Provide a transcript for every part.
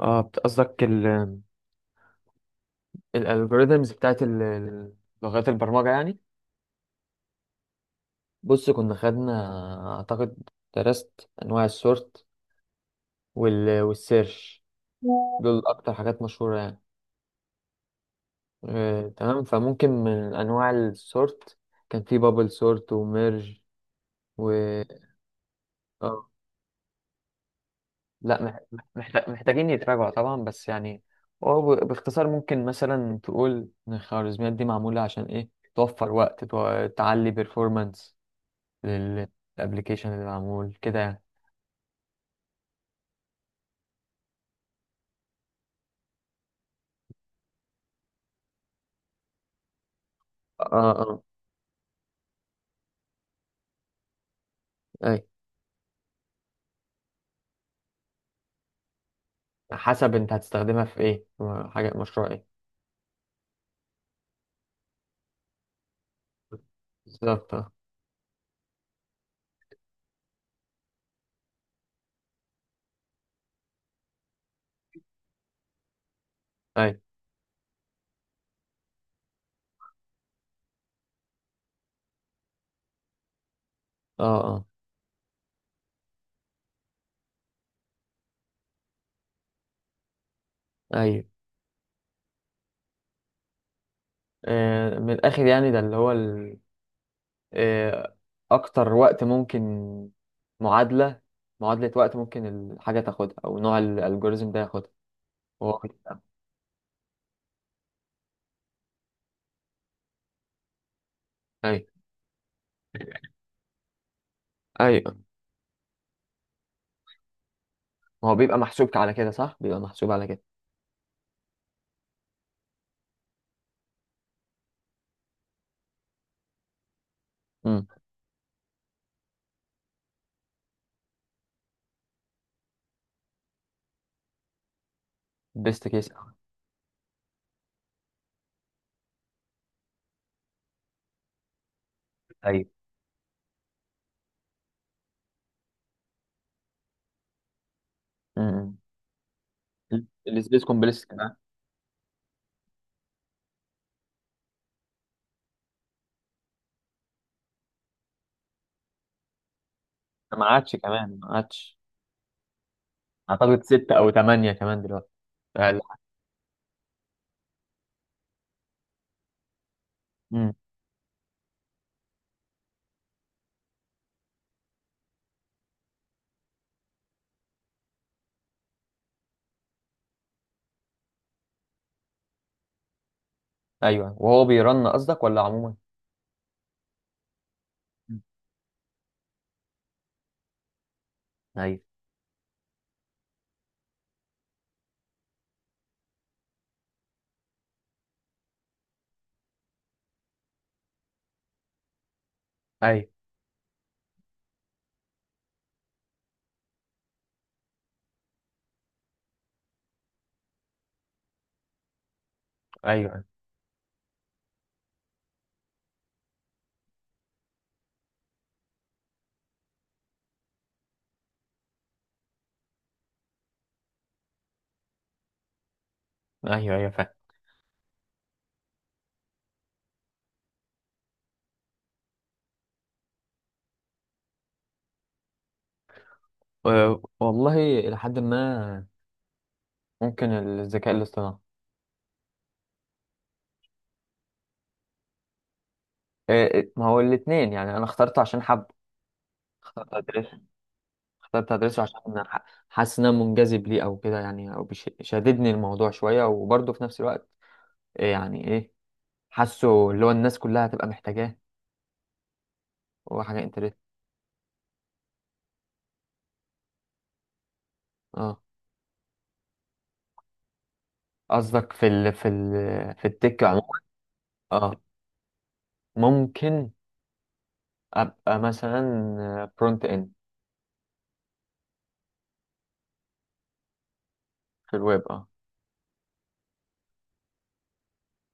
اه، قصدك الالجوريزمز بتاعت لغات البرمجة يعني. بص، كنا خدنا اعتقد درست انواع السورت والسيرش. دول اكتر حاجات مشهورة يعني. تمام، فممكن من انواع السورت كان في بابل سورت وميرج و... اه. لا، محتاجين يتراجعوا طبعا بس يعني. هو باختصار ممكن مثلا تقول ان الخوارزميات دي معمولة عشان ايه. توفر وقت، تعلي performance للابلكيشن اللي معمول كده يعني. اه، اه، اي. حسب انت هتستخدمها في ايه، حاجه مشروع ايه. بالظبط، اه. اي، اه، اه، ايوه. من الاخر يعني ده اللي هو ال... آه، اكتر وقت ممكن، معادله معادله وقت ممكن الحاجه تاخدها او نوع الالجوريزم ده ياخدها. هو واخد ده. ايوه. ايوه، هو بيبقى محسوب على كده صح، بيبقى محسوب على كده. امم. بيست كيس. ايوه. امم السبيس كومبلكس. ما عادش كمان ما عادش. اعتقد ستة او ثمانية كمان دلوقتي. فال- امم. ايوه، وهو بيرن قصدك ولا عموما؟ مم. ايوه، ايوه، ايوه، ايوه، ايوه، فاهم. والله، الى حد ما. ممكن الذكاء الاصطناعي. ما هو الاثنين يعني، انا اخترت عشان حب، اخترت ادرسه اخترت ادرسه عشان أنا حاسس ان انا منجذب ليه او كده يعني، او شاددني الموضوع شويه، وبرضه في نفس الوقت إيه يعني ايه، حاسه اللي هو الناس كلها هتبقى محتاجاه وحاجه انترنت. اه. قصدك في التك عموما؟ اه، ممكن ابقى مثلا فرونت اند. في الويب، اه.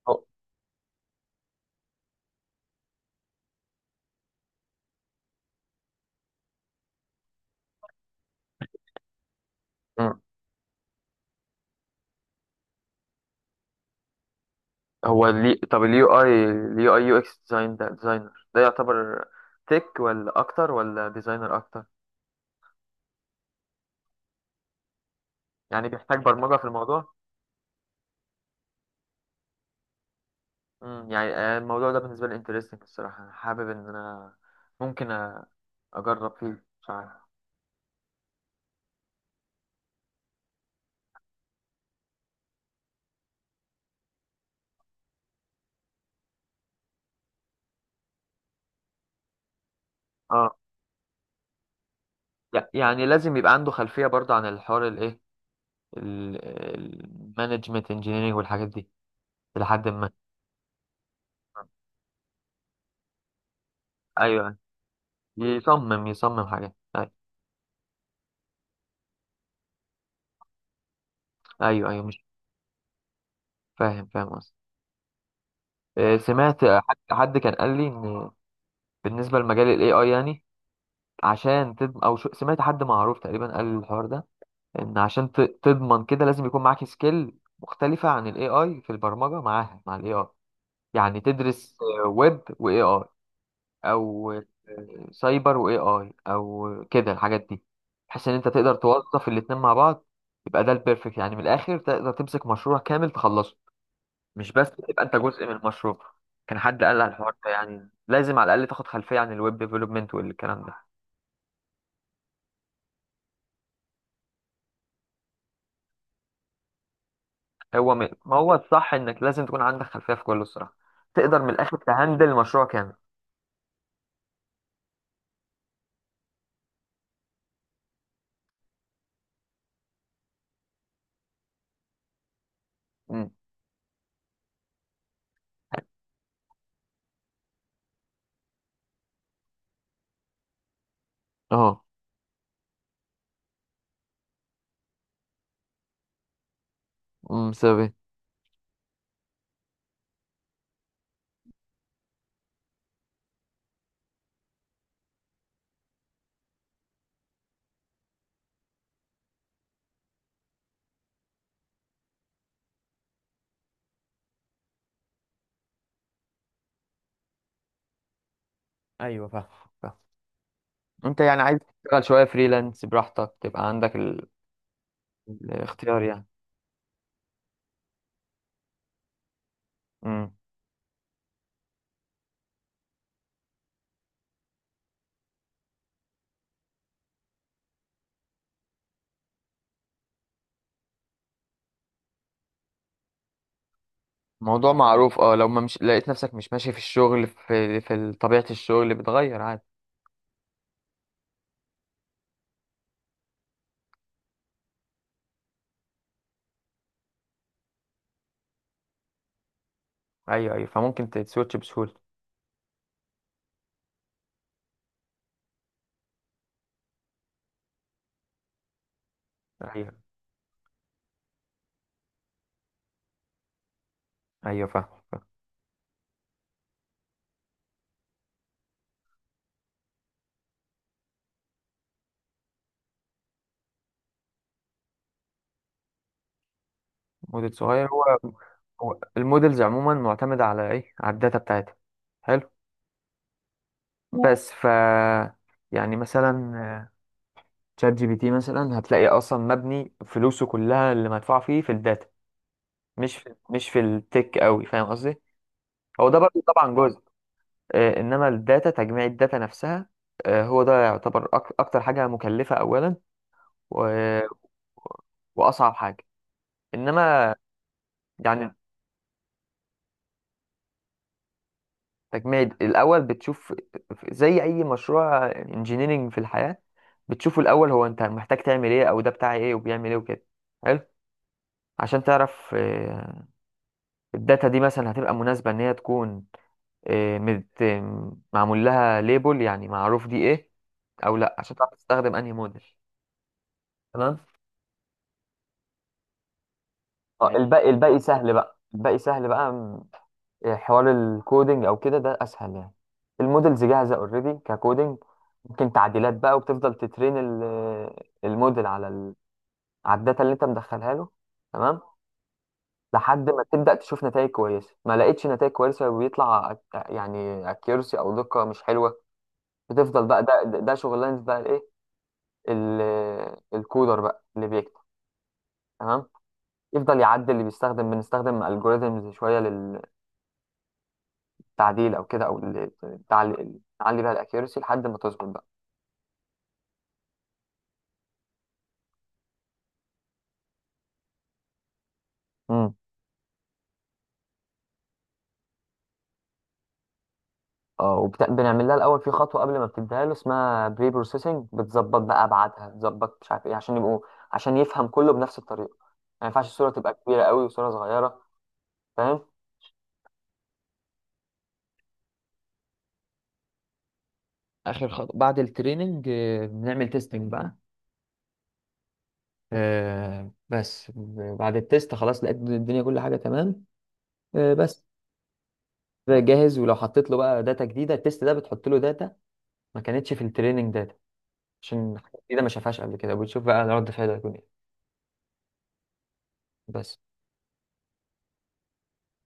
هو مم. هو ليه؟ طب اليو اي يو اكس ديزاين، ده ديزاينر ده يعتبر تك ولا اكتر، ولا ديزاينر اكتر؟ يعني بيحتاج برمجة في الموضوع؟ مم. يعني الموضوع ده بالنسبة لي انترستنج الصراحة، انا حابب ان انا ممكن أ- اجرب فيه، مش عارف. اه، يعني لازم يبقى عنده خلفية برضه عن الحوار الايه، المانجمنت انجينيرنج والحاجات دي لحد ما. ايوه، يصمم يصمم حاجات، ايوه. ايوه, أيوة، مش. فاهم فاهم قصدي. سمعت حد كان قال لي ان بالنسبه لمجال الاي اي يعني، عشان تضمن، او شو، سمعت حد معروف تقريبا قال الحوار ده، ان عشان تضمن كده لازم يكون معاك سكيل مختلفه عن الاي اي في البرمجه، معاها مع الاي اي، يعني تدرس ويب واي اي او سايبر واي اي او كده الحاجات دي، بحيث ان انت تقدر توظف الاتنين مع بعض. يبقى ده البيرفكت يعني، من الاخر تقدر تمسك مشروع كامل تخلصه، مش بس تبقى انت جزء من المشروع. كان حد قال على الحوار ده، يعني لازم على الاقل تاخد خلفيه عن الويب ديفلوبمنت والكلام ده. ما هو الصح انك لازم تكون عندك خلفيه في كله الصراحه، تقدر من الاخر تهندل مشروع كامل. مم. اه. امم. سبب. ايوه، فاهم فاهم. انت يعني عايز تشتغل شويه فريلانس براحتك تبقى عندك الاختيار يعني. امم، موضوع معروف اه، لو ما مش لقيت نفسك مش ماشي في الشغل في طبيعة الشغل، بتغير عادي. ايوه، ايوه، فممكن تسويتش بسهولة. ايوه، ايوه، فاهم فاهم. موديل صغير. هو المودلز عموما معتمدة على ايه؟ على الداتا بتاعتها. حلو. بس ف يعني مثلا تشات جي بي تي مثلا هتلاقي اصلا مبني فلوسه كلها اللي مدفوع فيه في الداتا، مش في التك قوي، فاهم قصدي. هو ده برضه طبعا جزء. انما الداتا، تجميع الداتا نفسها، هو ده يعتبر اكتر حاجه مكلفه اولا، و- واصعب حاجه، انما. يعني تجميع الاول، بتشوف زي اي مشروع انجينيرينج في الحياه، بتشوفه الاول هو انت محتاج تعمل ايه، او ده بتاع ايه وبيعمل ايه وكده. حلو. عشان تعرف الداتا دي مثلا هتبقى مناسبه ان هي تكون، آه، مت- معمول لها ليبل يعني، معروف دي ايه او لا، عشان تعرف تستخدم انهي موديل. تمام. اه يعني. الباقي سهل بقى، الباقي سهل بقى، إيه، حوار الكودينج او كده ده اسهل يعني. المودلز جاهزه اوريدي ككودينج، ممكن تعديلات بقى، وبتفضل تترين الموديل على على الداتا اللي انت مدخلها له. تمام. لحد ما تبدا تشوف نتائج كويسه، ما لقيتش نتائج كويسه وبيطلع يعني اكيرسي او دقه مش حلوه. بتفضل بقى، ده شغلانه بقى الايه، الكودر بقى اللي بيكتب. تمام. يفضل يعدل، اللي بيستخدم بنستخدم الجوريزمز شويه تعديل او كده، او ال- تعلي نعلي بيها الاكيرسي لحد ما تظبط بقى. امم. اه، وبنعمل لها الاول في خطوه قبل ما بتديها له اسمها بري بروسيسنج، بتظبط بقى ابعادها، بتظبط مش عارف ايه، عشان يبقوا، عشان يفهم كله بنفس الطريقه، ما ينفعش الصوره تبقى كبيره قوي وصوره صغيره. فاهم. اخر خطوه بعد التريننج، بنعمل تيستنج بقى. بس بعد التيست خلاص لقيت الدنيا كل حاجه تمام. بس. جاهز. ولو حطيت له بقى داتا جديده، التيست ده بتحط له داتا ما كانتش في التريننج داتا، عشان حاجة جديدة ما شافهاش قبل كده، وبتشوف بقى رد فعله هيكون ايه. بس.